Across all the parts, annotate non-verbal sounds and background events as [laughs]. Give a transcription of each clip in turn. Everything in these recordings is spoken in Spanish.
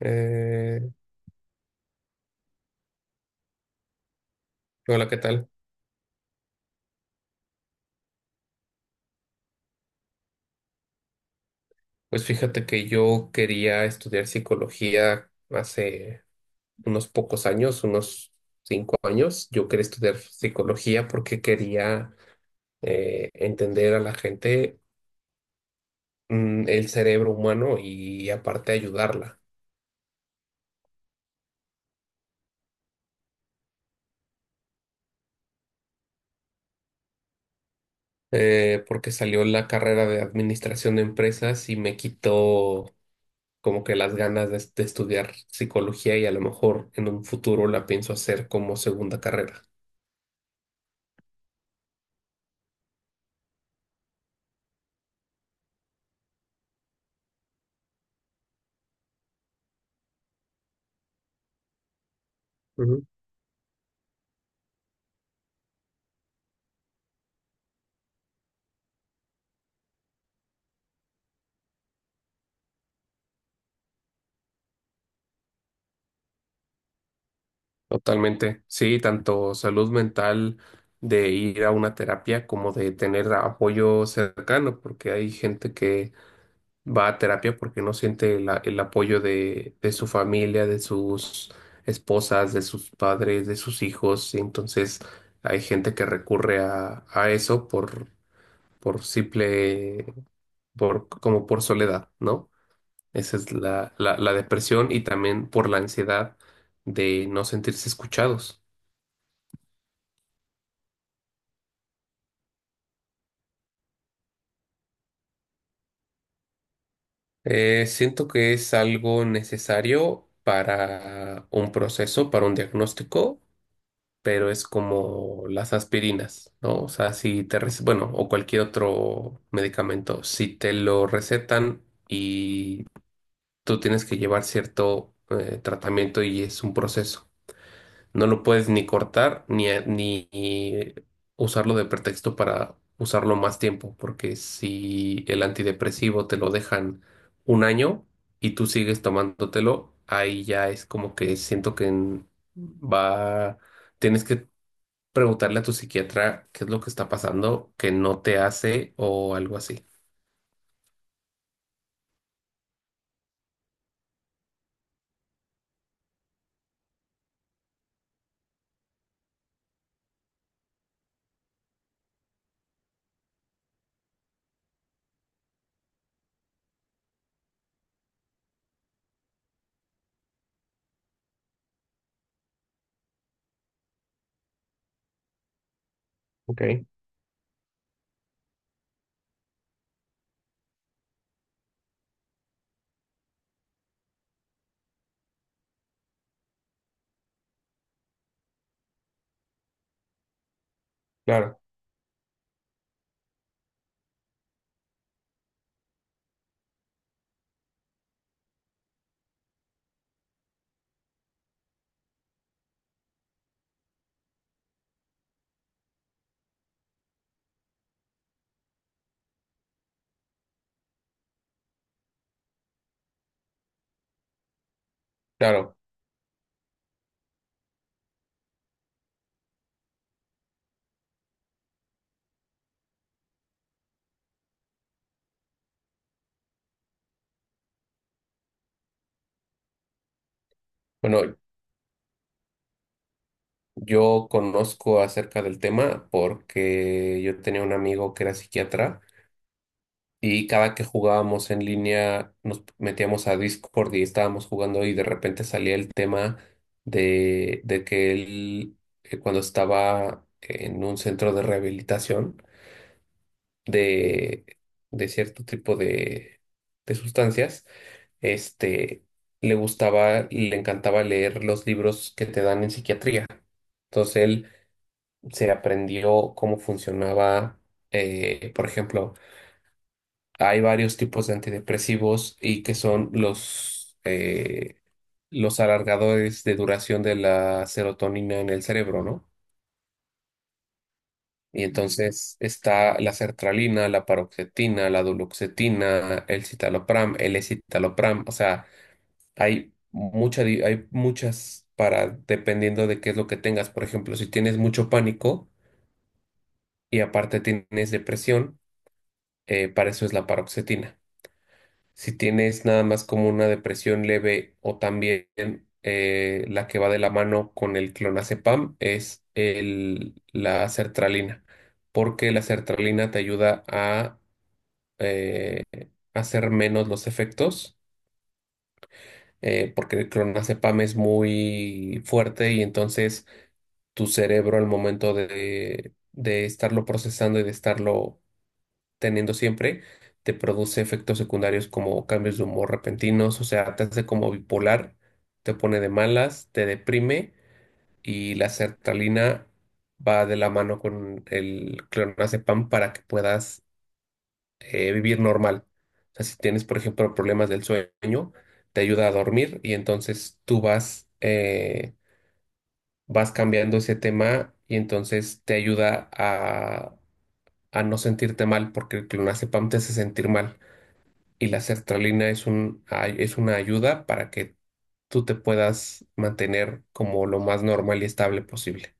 Eh, Hola, ¿qué tal? Pues fíjate que yo quería estudiar psicología hace unos pocos años, unos 5 años. Yo quería estudiar psicología porque quería entender a la gente, el cerebro humano y aparte ayudarla. Porque salió la carrera de administración de empresas y me quitó como que las ganas de estudiar psicología y a lo mejor en un futuro la pienso hacer como segunda carrera. Totalmente, sí, tanto salud mental de ir a una terapia como de tener apoyo cercano, porque hay gente que va a terapia porque no siente el apoyo de su familia, de sus esposas, de sus padres, de sus hijos, y entonces hay gente que recurre a eso por simple, por, como por soledad, ¿no? Esa es la, la depresión y también por la ansiedad de no sentirse escuchados. Siento que es algo necesario para un proceso, para un diagnóstico, pero es como las aspirinas, ¿no? O sea, si te, rece- bueno, o cualquier otro medicamento, si te lo recetan y tú tienes que llevar cierto tratamiento y es un proceso. No lo puedes ni cortar ni usarlo de pretexto para usarlo más tiempo, porque si el antidepresivo te lo dejan 1 año y tú sigues tomándotelo, ahí ya es como que siento que va, tienes que preguntarle a tu psiquiatra qué es lo que está pasando, que no te hace o algo así. Ok, claro, claro. Bueno, yo conozco acerca del tema porque yo tenía un amigo que era psiquiatra y cada que jugábamos en línea, nos metíamos a Discord y estábamos jugando y de repente salía el tema de que él, cuando estaba en un centro de rehabilitación de, de cierto tipo de sustancias, este, le gustaba y le encantaba leer los libros que te dan en psiquiatría. Entonces él se aprendió cómo funcionaba, por ejemplo, hay varios tipos de antidepresivos y que son los alargadores de duración de la serotonina en el cerebro, ¿no? Y entonces está la sertralina, la paroxetina, la duloxetina, el citalopram, el escitalopram. O sea, hay muchas para, dependiendo de qué es lo que tengas. Por ejemplo, si tienes mucho pánico y aparte tienes depresión, para eso es la paroxetina. Si tienes nada más como una depresión leve o también la que va de la mano con el clonazepam es el, la sertralina, porque la sertralina te ayuda a eh, hacer menos los efectos, porque el clonazepam es muy fuerte y entonces tu cerebro al momento de estarlo procesando y de estarlo teniendo siempre, te produce efectos secundarios como cambios de humor repentinos, o sea, te hace como bipolar, te pone de malas, te deprime y la sertralina va de la mano con el clonazepam para que puedas vivir normal. O sea, si tienes, por ejemplo, problemas del sueño, te ayuda a dormir y entonces tú vas, vas cambiando ese tema y entonces te ayuda a no sentirte mal porque el clonazepam te hace sentir mal. Y la sertralina es es una ayuda para que tú te puedas mantener como lo más normal y estable posible.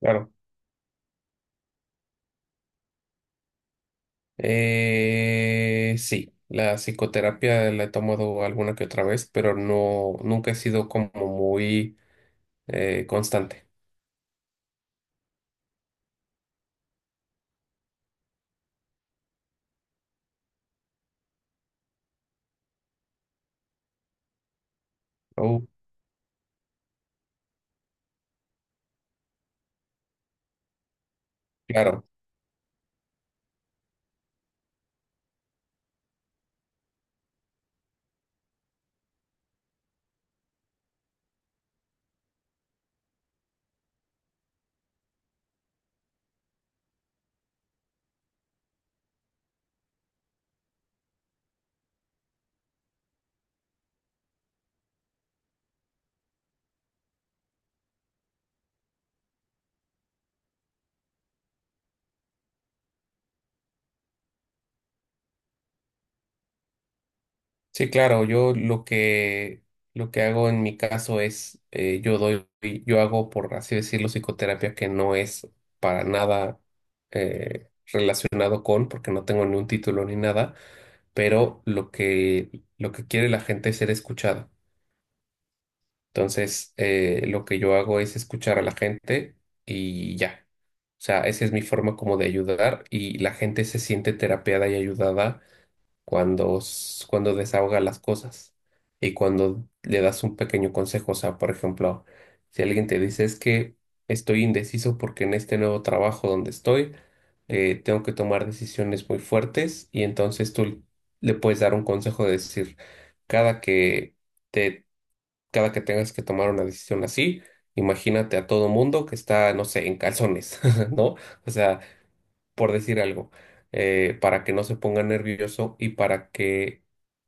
Claro. Sí, la psicoterapia la he tomado alguna que otra vez, pero no, nunca he sido como muy constante. Oh, claro. Sí, claro, yo lo que hago en mi caso es yo doy, yo hago por así decirlo, psicoterapia que no es para nada eh, relacionado con, porque no tengo ni un título ni nada, pero lo que quiere la gente es ser escuchada. Entonces, lo que yo hago es escuchar a la gente y ya. O sea, esa es mi forma como de ayudar y la gente se siente terapeada y ayudada cuando, cuando desahogas las cosas y cuando le das un pequeño consejo. O sea, por ejemplo, si alguien te dice es que estoy indeciso porque en este nuevo trabajo donde estoy tengo que tomar decisiones muy fuertes y entonces tú le puedes dar un consejo de decir, cada que te, cada que tengas que tomar una decisión así, imagínate a todo mundo que está, no sé, en calzones, [laughs] ¿no? O sea, por decir algo, para que no se ponga nervioso y para que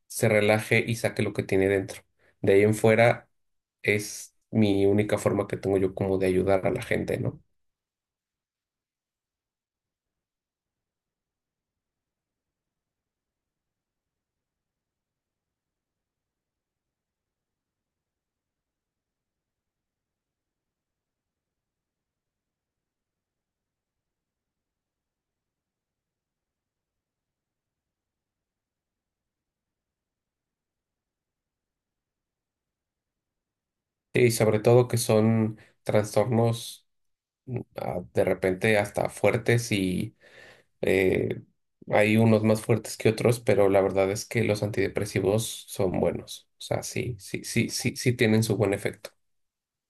se relaje y saque lo que tiene dentro. De ahí en fuera es mi única forma que tengo yo como de ayudar a la gente, ¿no? Sí, y sobre todo que son trastornos de repente hasta fuertes y eh, hay unos más fuertes que otros, pero la verdad es que los antidepresivos son buenos. O sea, sí, sí, sí, sí, sí tienen su buen efecto.